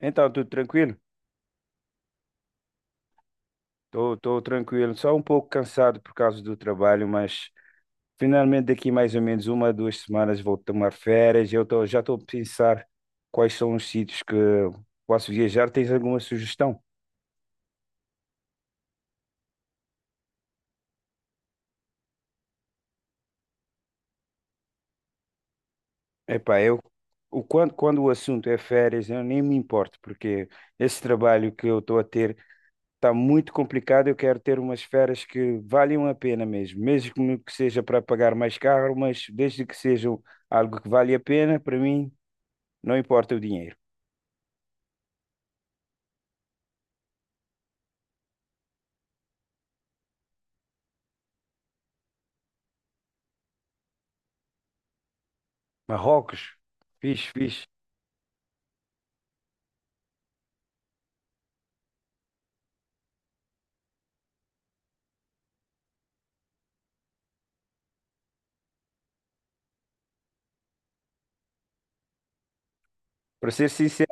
Então, tudo tranquilo? Estou tranquilo, só um pouco cansado por causa do trabalho, mas finalmente daqui mais ou menos uma, duas semanas vou tomar férias. Já estou a pensar quais são os sítios que posso viajar. Tens alguma sugestão? Epá, eu quando o assunto é férias, eu nem me importo, porque esse trabalho que eu estou a ter está muito complicado. Eu quero ter umas férias que valham a pena mesmo, mesmo que seja para pagar mais caro, mas desde que sejam algo que vale a pena, para mim não importa o dinheiro. Marrocos, fixe. Para ser sincero,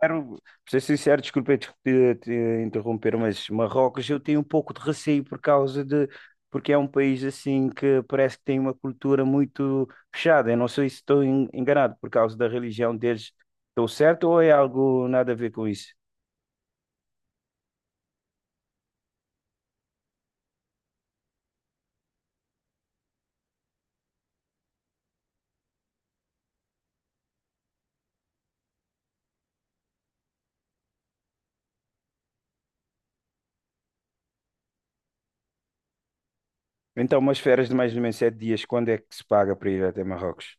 para ser sincero, desculpa te interromper, mas Marrocos eu tenho um pouco de receio porque é um país assim que parece que tem uma cultura muito fechada. Eu não sei se estou enganado por causa da religião deles. Estou certo ou é algo nada a ver com isso? Então, umas férias de mais ou menos 7 dias, quando é que se paga para ir até Marrocos?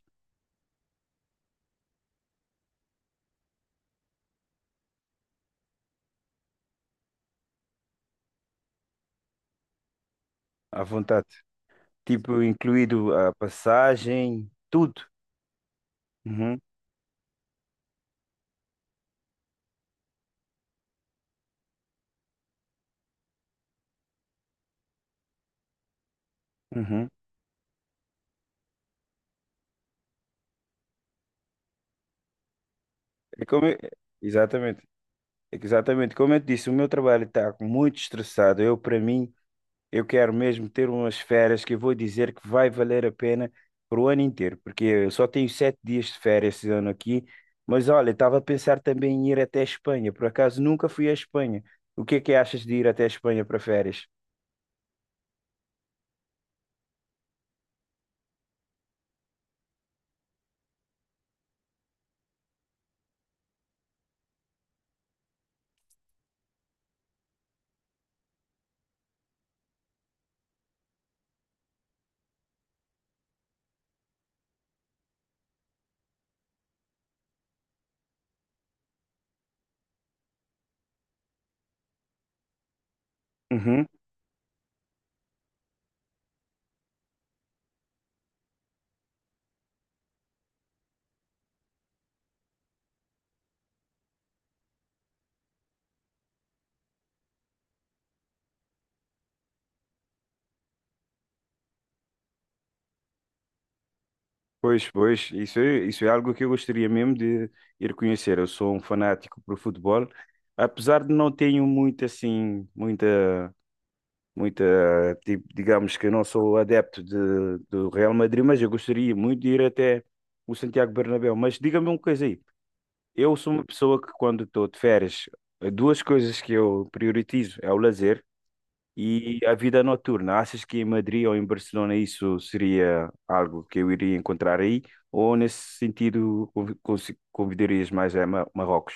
À vontade. Tipo, incluído a passagem, tudo. Uhum, uhum. É como eu- Exatamente, é que exatamente. Como eu te disse, o meu trabalho está muito estressado. Eu, para mim, eu quero mesmo ter umas férias que eu vou dizer que vai valer a pena para o ano inteiro, porque eu só tenho 7 dias de férias esse ano aqui. Mas olha, estava a pensar também em ir até a Espanha. Por acaso nunca fui à Espanha. O que é que achas de ir até a Espanha para férias? Uhum. Pois, pois, isso é algo que eu gostaria mesmo de ir conhecer. Eu sou um fanático por futebol, apesar de não tenho muito assim, muita, tipo, digamos que eu não sou adepto de, do Real Madrid, mas eu gostaria muito de ir até o Santiago Bernabéu. Mas diga-me uma coisa aí, eu sou uma pessoa que quando estou de férias, duas coisas que eu prioritizo é o lazer e a vida noturna. Achas que em Madrid ou em Barcelona isso seria algo que eu iria encontrar aí? Ou nesse sentido convidarias mais a Marrocos?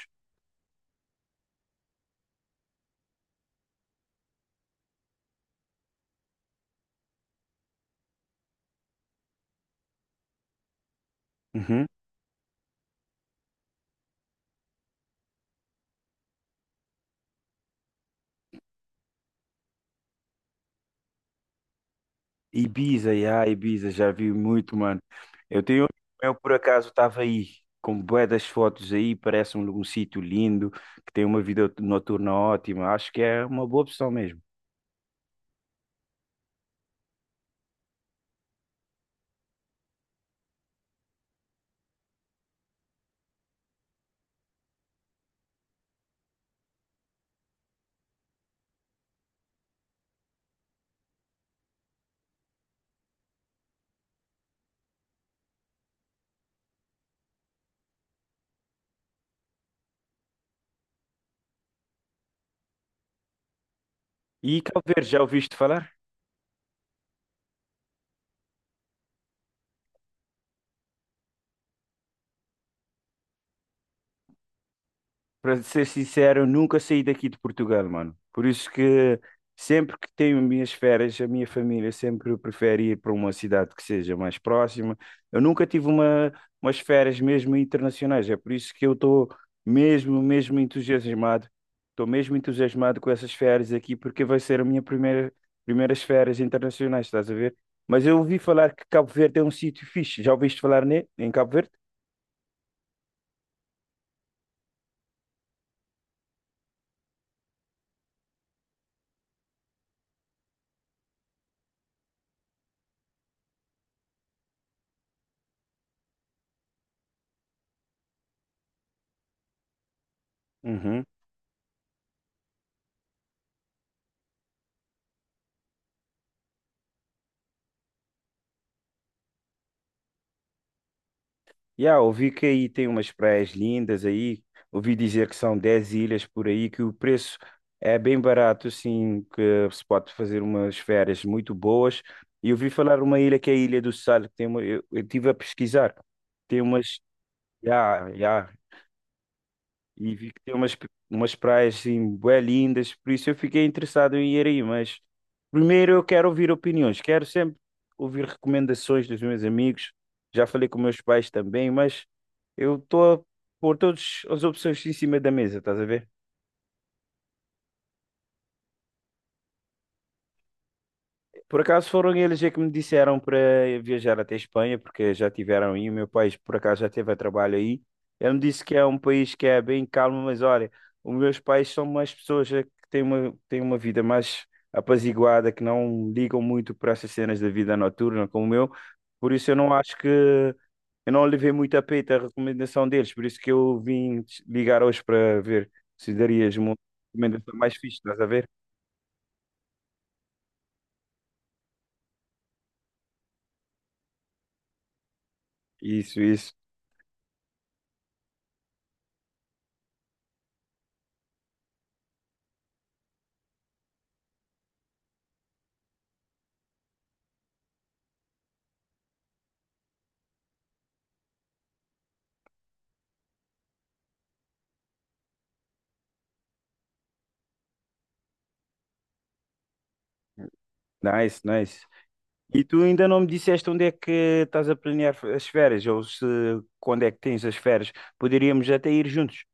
Ibiza, yeah, Ibiza, já vi muito, mano. Eu tenho, eu por acaso estava aí, com bué das fotos aí, parece um sítio lindo, que tem uma vida noturna ótima, acho que é uma boa opção mesmo. E Cabo Verde, já ouviste falar? Para ser sincero, eu nunca saí daqui de Portugal, mano. Por isso que sempre que tenho minhas férias, a minha família sempre prefere ir para uma cidade que seja mais próxima. Eu nunca tive uma, umas férias mesmo internacionais, é por isso que eu estou mesmo, mesmo entusiasmado. Estou mesmo entusiasmado com essas férias aqui, porque vai ser a primeiras férias internacionais, estás a ver? Mas eu ouvi falar que Cabo Verde é um sítio fixe. Já ouviste falar em Cabo Verde? Uhum. Yeah, ouvi que aí tem umas praias lindas aí. Ouvi dizer que são 10 ilhas por aí, que o preço é bem barato, assim, que se pode fazer umas férias muito boas. E ouvi falar uma ilha que é a Ilha do Sal, que tem uma, eu estive a pesquisar. Tem umas. Yeah, yeah, e vi que tem umas praias assim, bué lindas, por isso eu fiquei interessado em ir aí, mas primeiro eu quero ouvir opiniões, quero sempre ouvir recomendações dos meus amigos, já falei com meus pais também, mas eu estou a pôr todas as opções em cima da mesa, estás a ver? Por acaso foram eles é que me disseram para viajar até Espanha, porque já tiveram aí, o meu país por acaso já teve a trabalho aí. Ele me disse que é um país que é bem calmo, mas olha, os meus pais são mais pessoas é, que têm uma vida mais apaziguada, que não ligam muito para essas cenas da vida noturna como o meu. Por isso eu não acho que, eu não levei muito a peito a recomendação deles, por isso que eu vim te ligar hoje para ver se darias uma recomendação mais fixe, estás a ver? Isso, isso. Nice, nice. E tu ainda não me disseste onde é que estás a planear as férias, ou se quando é que tens as férias. Poderíamos até ir juntos.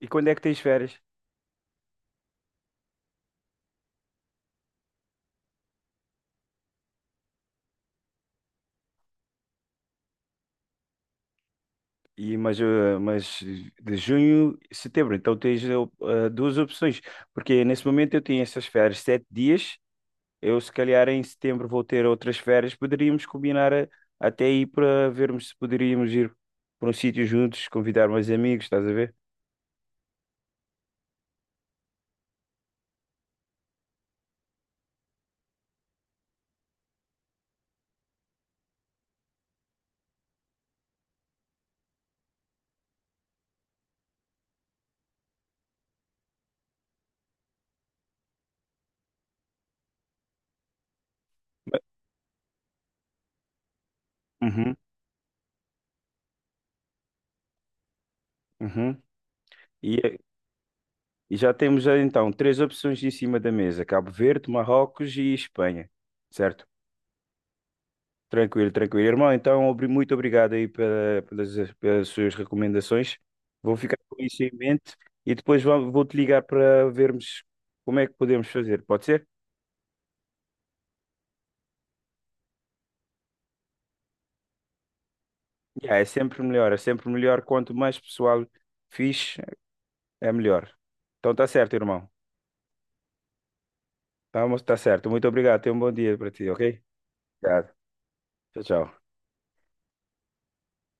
E quando é que tens férias? Mas de junho, setembro, então tens duas opções, porque nesse momento eu tenho essas férias 7 dias, eu se calhar em setembro vou ter outras férias, poderíamos combinar até aí para vermos se poderíamos ir para um sítio juntos, convidar mais amigos, estás a ver? Uhum, uhum. E E já temos então três opções em cima da mesa: Cabo Verde, Marrocos e Espanha, certo? Tranquilo, tranquilo. Irmão, então muito obrigado aí pelas, pelas suas recomendações. Vou ficar com isso em mente e depois vou-te ligar para vermos como é que podemos fazer. Pode ser? Ya, é sempre melhor, é sempre melhor. Quanto mais pessoal fixe, é melhor. Então tá certo, irmão. Tá, tá certo. Muito obrigado. Tenha um bom dia para ti, ok? Obrigado. Tchau, tchau.